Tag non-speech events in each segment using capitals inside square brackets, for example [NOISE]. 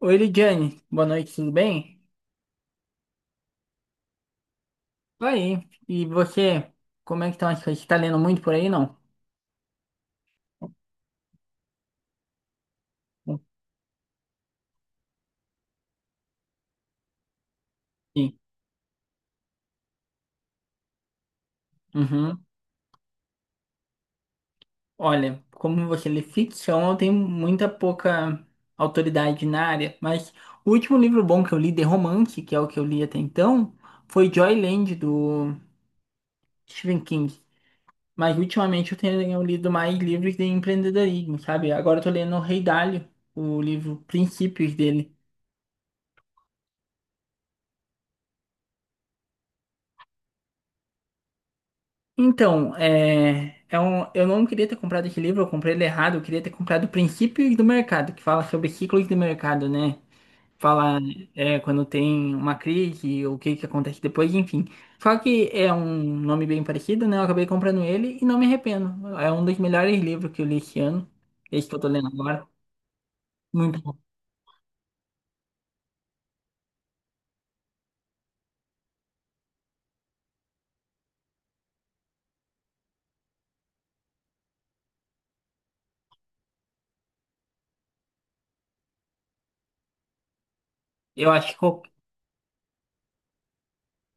Oi, Lidiane, boa noite, tudo bem? Tô aí. E você, como é que estão as coisas? Você tá lendo muito por aí, não? Sim. Uhum. Olha, como você lê ficção, eu tenho muita pouca autoridade na área, mas o último livro bom que eu li de romance, que é o que eu li até então, foi Joyland, do Stephen King. Mas ultimamente eu tenho lido mais livros de empreendedorismo, sabe? Agora eu tô lendo o Rei Dalio, o livro Princípios dele. Então, eu não queria ter comprado esse livro, eu comprei ele errado, eu queria ter comprado Princípios do Mercado, que fala sobre ciclos do mercado, né? Fala, quando tem uma crise, o que que acontece depois, enfim. Só que é um nome bem parecido, né? Eu acabei comprando ele e não me arrependo. É um dos melhores livros que eu li esse ano, esse que eu tô lendo agora. Muito bom. Eu acho que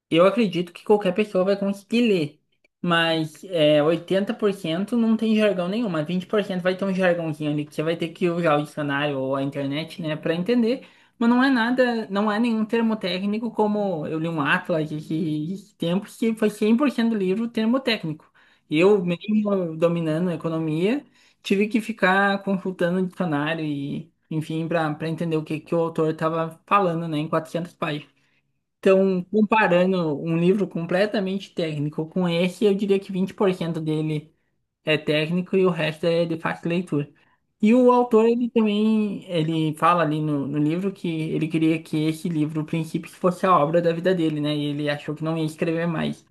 Eu acredito que qualquer pessoa vai conseguir ler, mas, 80% não tem jargão nenhum, mas 20% vai ter um jargãozinho ali que você vai ter que usar o dicionário ou a internet, né, para entender. Mas não é nada, não é nenhum termo técnico como eu li um Atlas esses tempos que foi 100% do livro termo técnico. Eu, mesmo dominando a economia, tive que ficar consultando o dicionário e, enfim, para entender o que, que o autor estava falando, né, em 400. Então, comparando um livro completamente técnico com esse, eu diria que 20% dele é técnico e o resto é de fácil leitura. E o autor, ele também, ele fala ali no livro que ele queria que esse livro, o princípio, que fosse a obra da vida dele, né? E ele achou que não ia escrever mais.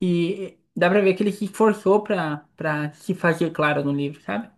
E dá pra ver que ele se esforçou pra se fazer claro no livro, sabe?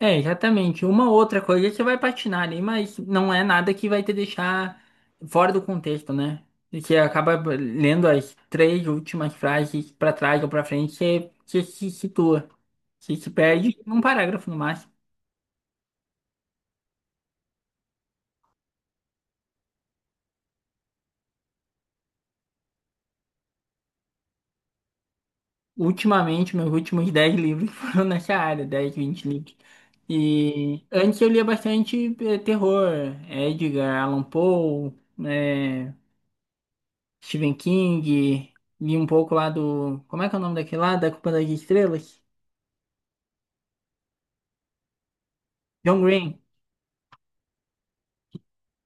É, exatamente. Uma outra coisa você vai patinar ali, mas não é nada que vai te deixar fora do contexto, né? E você acaba lendo as três últimas frases pra trás ou pra frente, você se situa. Você se perde num parágrafo no máximo. Ultimamente, meus últimos 10 livros [LAUGHS] foram nessa área, 10, 20 livros. E antes eu lia bastante, terror, Edgar Allan Poe, eh, Stephen King, li um pouco lá do. Como é que é o nome daquele lá? Da Culpa das Estrelas? John Green,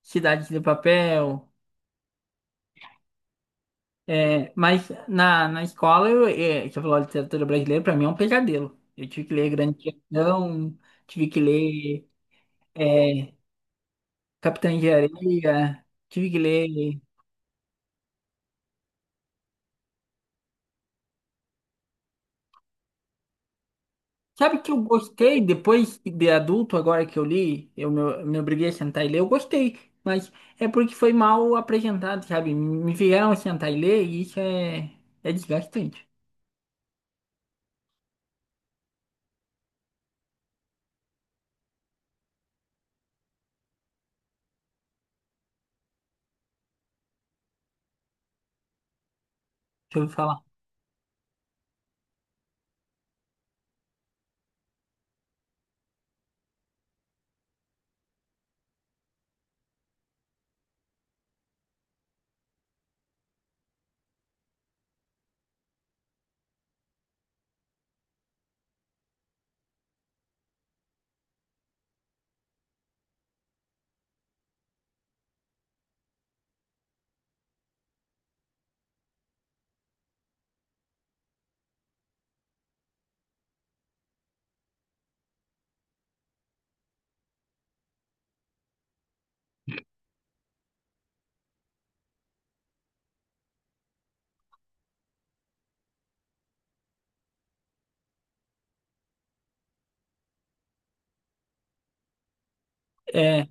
Cidade de Papel. É, mas na escola, você falou de literatura brasileira, para mim é um pesadelo. Eu tive que ler Grande Questão, tive que ler, é, Capitã de Areia, tive que ler. Sabe que eu gostei depois de adulto, agora que eu li, eu me obriguei a sentar e ler, eu gostei, mas é porque foi mal apresentado, sabe? Me fizeram sentar e ler e isso é desgastante, deixa eu falar. É,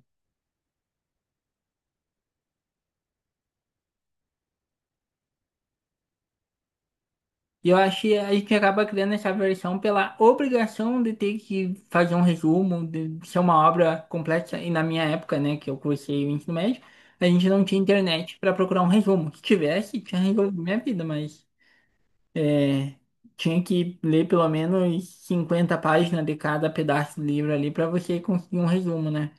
e eu achei, a gente acaba criando essa versão pela obrigação de ter que fazer um resumo, de ser uma obra complexa, e na minha época, né, que eu cursei o ensino médio, a gente não tinha internet para procurar um resumo. Se tivesse, tinha resolvido minha vida, mas. É, tinha que ler pelo menos 50 páginas de cada pedaço do livro ali para você conseguir um resumo, né?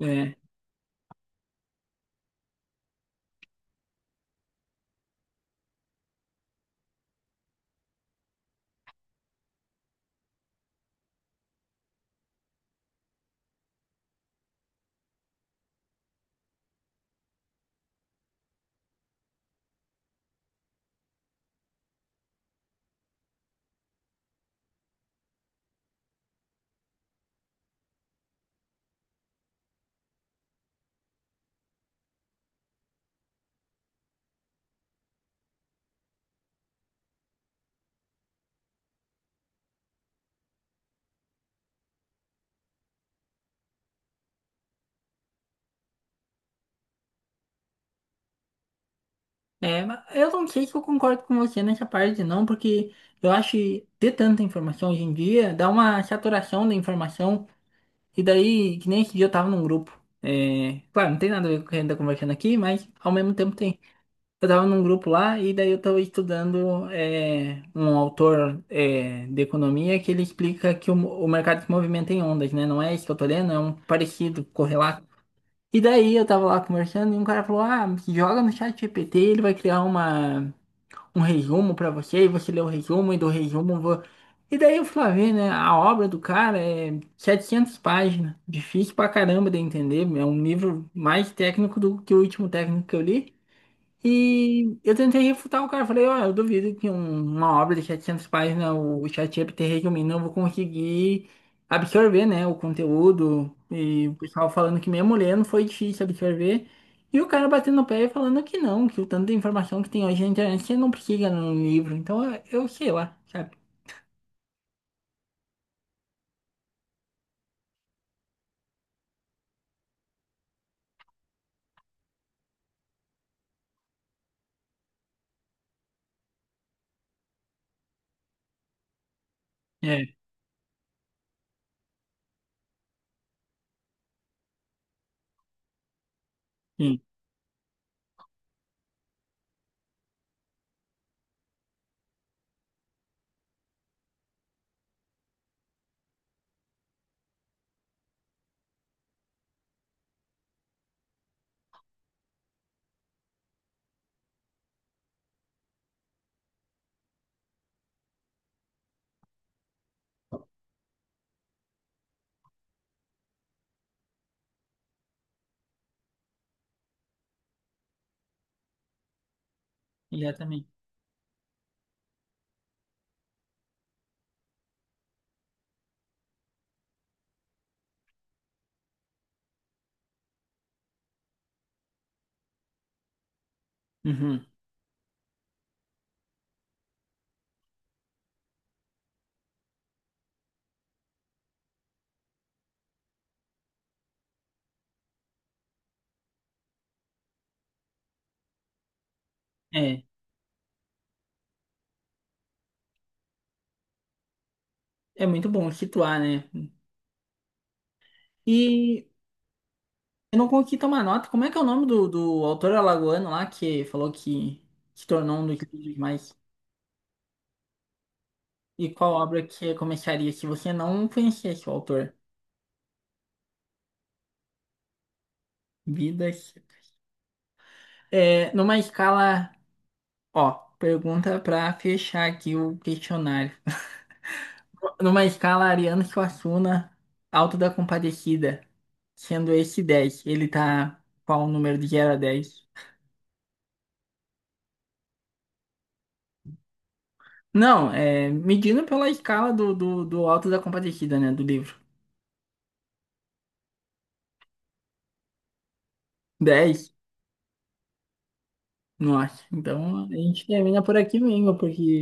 É, é, mas eu não sei se eu concordo com você nessa parte, não, porque eu acho que ter tanta informação hoje em dia dá uma saturação da informação, e daí, que nem esse dia eu tava num grupo. É, claro, não tem nada a ver com o que a gente tá conversando aqui, mas ao mesmo tempo tem. Eu tava num grupo lá e daí eu tava estudando, um autor, de economia que ele explica que o mercado se movimenta em ondas, né? Não é isso que eu tô lendo, é um parecido, correlato. E daí eu tava lá conversando e um cara falou, ah, joga no chat GPT, ele vai criar um resumo pra você, e você lê o resumo, e do resumo... vo-" E daí eu fui lá ver, né? A obra do cara é 700 páginas, difícil pra caramba de entender, é um livro mais técnico do que o último técnico que eu li. E eu tentei refutar o cara, falei, ó, eu duvido que uma obra de 700 páginas, o ChatGPT resumindo, eu vou conseguir absorver, né, o conteúdo, e o pessoal falando que mesmo lendo foi difícil absorver, e o cara batendo o pé e falando que não, que o tanto de informação que tem hoje na internet, você não precisa no livro, então eu sei lá, sabe? É, sim, exatamente. Uhum. É, é muito bom situar, né? E E não conquista uma nota. Como é que é o nome do autor alagoano lá que falou que, tornou um dos livros mais. E qual obra que começaria se você não conhecesse o autor? Vidas. É, numa escala. Ó, pergunta pra fechar aqui o questionário. [LAUGHS] Numa escala Ariano Suassuna, Alto da Compadecida, sendo esse 10, ele tá qual o número de 0 a 10? Não, é medindo pela escala do Alto da Compadecida, né? Do livro. 10. Nossa, então a gente termina por aqui mesmo, porque